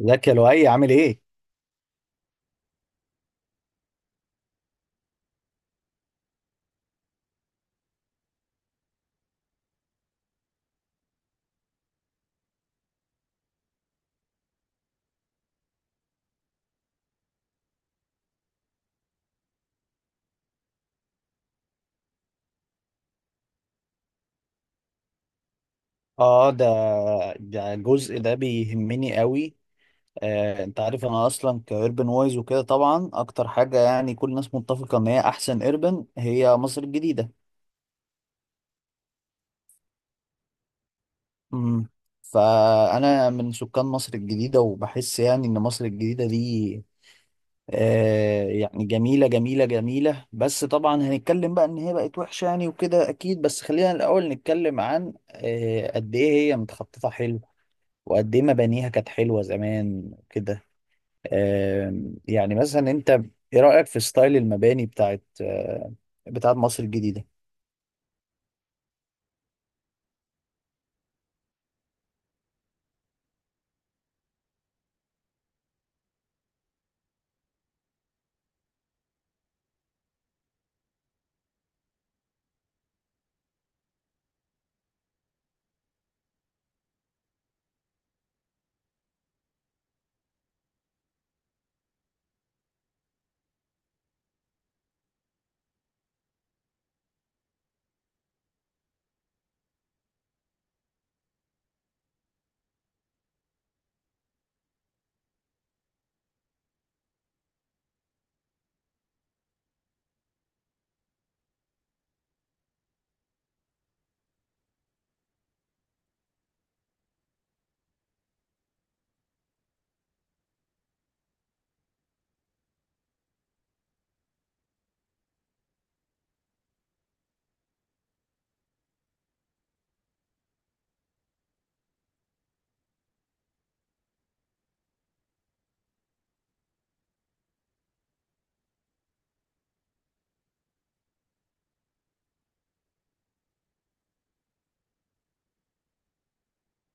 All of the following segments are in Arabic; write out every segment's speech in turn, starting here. ازيك يا لؤي، عامل ايه؟ اه، ده الجزء ده بيهمني قوي. انت عارف انا اصلا كايربن وايز وكده، طبعا اكتر حاجه يعني كل الناس متفقه ان هي احسن ايربن هي مصر الجديده. امم فانا من سكان مصر الجديده وبحس يعني ان مصر الجديده دي يعني جميله جميله جميله، بس طبعا هنتكلم بقى ان هي بقت وحشه يعني وكده اكيد، بس خلينا الاول نتكلم عن قد ايه هي متخططه حلو وقد ايه مبانيها كانت حلوه زمان كده. يعني مثلا انت ايه رايك في ستايل المباني بتاعت مصر الجديده؟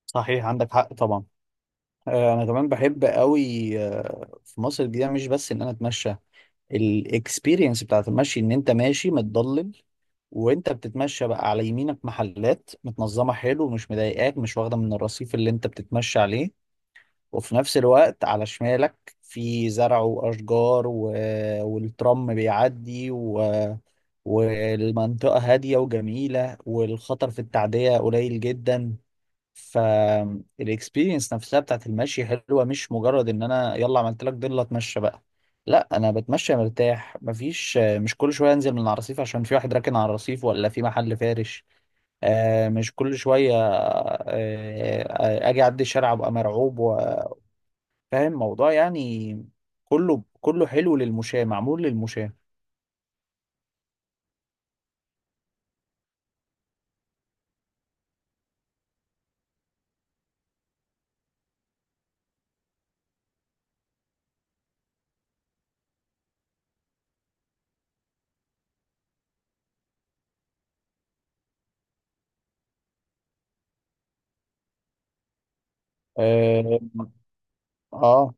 صحيح، عندك حق طبعا. انا كمان بحب قوي في مصر الجديده، مش بس ان انا اتمشى. الاكسبيرينس بتاعت المشي ان انت ماشي متضلل، وانت بتتمشى بقى على يمينك محلات متنظمه حلو، مش مضايقاك، مش واخده من الرصيف اللي انت بتتمشى عليه، وفي نفس الوقت على شمالك في زرع وأشجار، و... والترام بيعدي، و... والمنطقة هادية وجميلة، والخطر في التعدية قليل جدا. فالاكسبيرينس نفسها بتاعت المشي حلوة، مش مجرد ان انا يلا عملت لك ضلة اتمشى بقى. لا، انا بتمشى مرتاح، مفيش، مش كل شوية انزل من الرصيف عشان في واحد راكن على الرصيف ولا في محل فارش. مش كل شوية، اجي اعدي الشارع ابقى مرعوب فاهم موضوع يعني. كله كله حلو للمشاة، معمول للمشاة. اه، اه،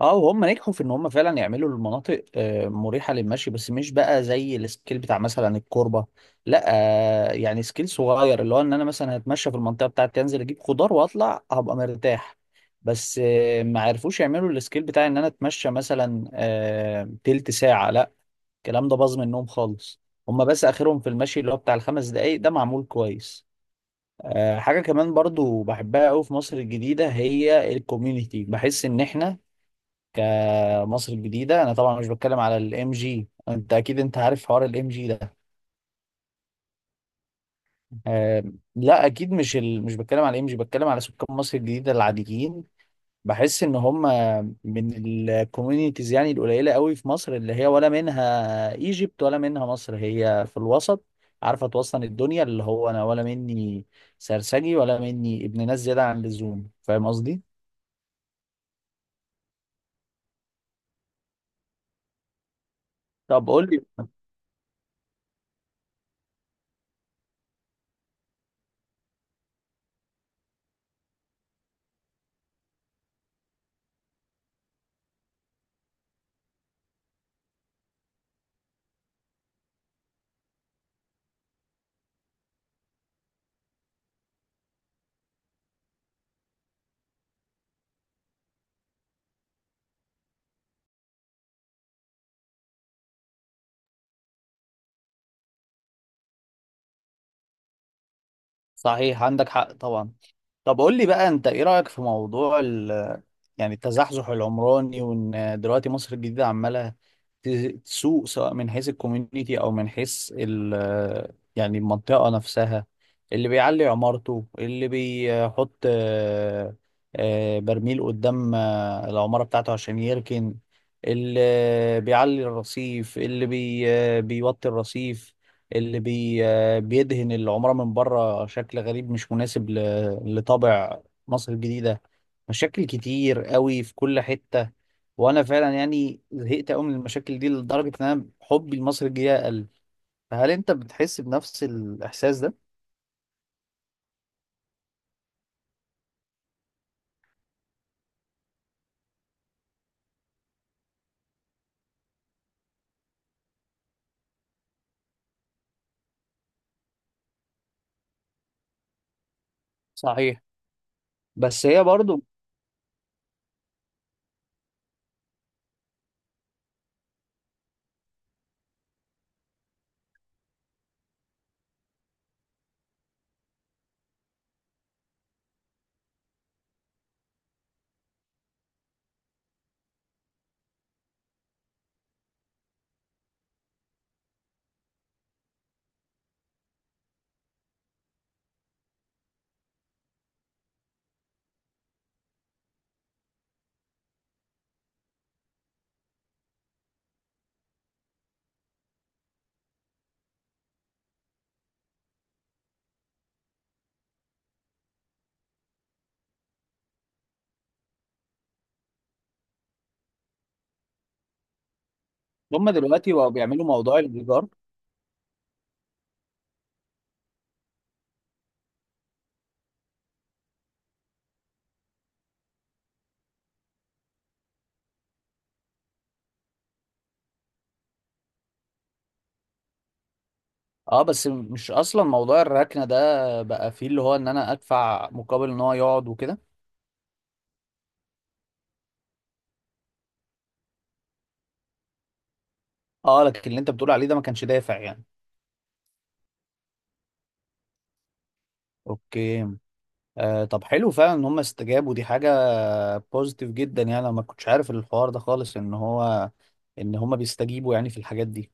اه. وهم نجحوا في ان هم فعلا يعملوا المناطق مريحة للمشي، بس مش بقى زي السكيل بتاع مثلا الكوربة. لا، يعني سكيل صغير، اللي هو ان انا مثلا هتمشى في المنطقة بتاعتي انزل اجيب خضار واطلع هبقى مرتاح. بس ما عرفوش يعملوا السكيل بتاع ان انا اتمشى مثلا تلت ساعة، لا، الكلام ده باظ منهم خالص. هم بس اخرهم في المشي اللي هو بتاع ال 5 دقايق ده معمول كويس. حاجة كمان برضو بحبها قوي في مصر الجديدة، هي الكوميونيتي. بحس ان احنا كمصر الجديدة، انا طبعا مش بتكلم على الام جي، انت اكيد انت عارف حوار الام جي ده. آه، لا اكيد، مش بتكلم على الام جي، بتكلم على سكان مصر الجديدة العاديين. بحس ان هم من الكوميونيتيز يعني القليلة قوي في مصر، اللي هي ولا منها ايجيبت ولا منها مصر، هي في الوسط، عارفة توصل الدنيا اللي هو انا ولا مني سرسجي ولا مني ابن ناس زيادة عن اللزوم، فاهم قصدي؟ طب قول لي. صحيح، عندك حق طبعا. طب قول لي بقى، انت ايه رأيك في موضوع ال، يعني التزحزح العمراني، وان دلوقتي مصر الجديدة عمالة ت- تسوق، سواء من حيث الكوميونيتي او من حيث ال، يعني المنطقة نفسها. اللي بيعلي عمارته، اللي بيحط برميل قدام العمارة بتاعته عشان يركن، اللي بيعلي الرصيف، اللي بي آه، بيوطي الرصيف، اللي بي آه، بيدهن العمارة من بره شكل غريب مش مناسب لطابع مصر الجديدة. مشاكل كتير قوي في كل حتة، وانا فعلا يعني زهقت قوي من المشاكل دي لدرجة ان انا حبي لمصر الجديدة قل. فهل انت بتحس بنفس الاحساس ده؟ صحيح. بس هي برضو. هم دلوقتي بقوا بيعملوا موضوع الايجار. اه، بس مش اصلا موضوع الركنه ده بقى فيه اللي هو ان انا ادفع مقابل ان هو يقعد وكده. اه، لكن اللي انت بتقول عليه ده ما كانش دافع يعني. اوكي. طب حلو فعلا ان هم استجابوا، دي حاجة بوزيتيف جدا. يعني انا ما كنتش عارف الحوار ده خالص ان هم بيستجيبوا يعني في الحاجات دي.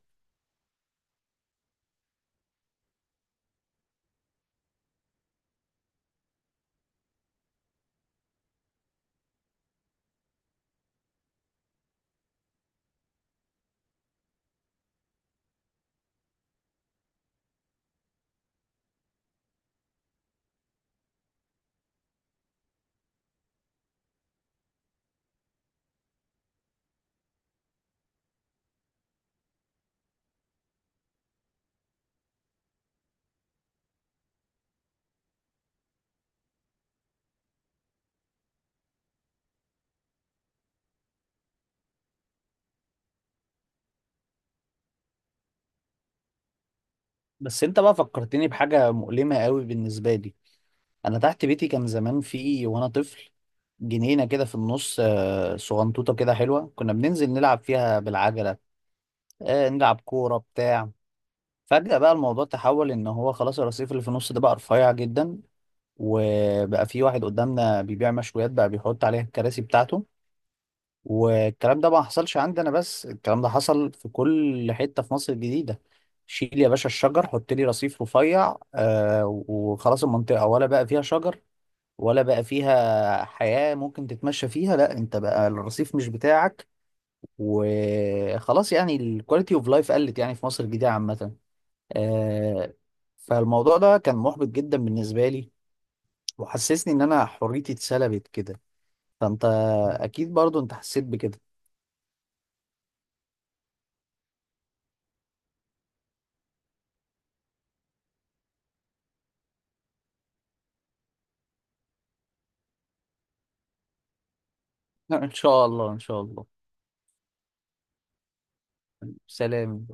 بس انت بقى فكرتني بحاجة مؤلمة قوي بالنسبة لي. انا تحت بيتي كان زمان، في وانا طفل، جنينة كده في النص، صغنطوطة كده حلوة، كنا بننزل نلعب فيها بالعجلة، نلعب كورة بتاع. فجأة بقى الموضوع تحول ان هو خلاص الرصيف اللي في النص ده بقى رفيع جدا، وبقى في واحد قدامنا بيبيع مشويات بقى بيحط عليها الكراسي بتاعته. والكلام ده ما حصلش عندي انا بس، الكلام ده حصل في كل حتة في مصر الجديدة. شيل يا باشا الشجر، حط لي رصيف رفيع وخلاص المنطقة، ولا بقى فيها شجر ولا بقى فيها حياة ممكن تتمشى فيها. لا، انت بقى الرصيف مش بتاعك وخلاص، يعني الكواليتي اوف لايف قلت يعني في مصر الجديدة عامة. آه فالموضوع ده كان محبط جدا بالنسبة لي، وحسسني ان انا حريتي اتسلبت كده. فانت اكيد برضو انت حسيت بكده. ان شاء الله، ان شاء الله. سلام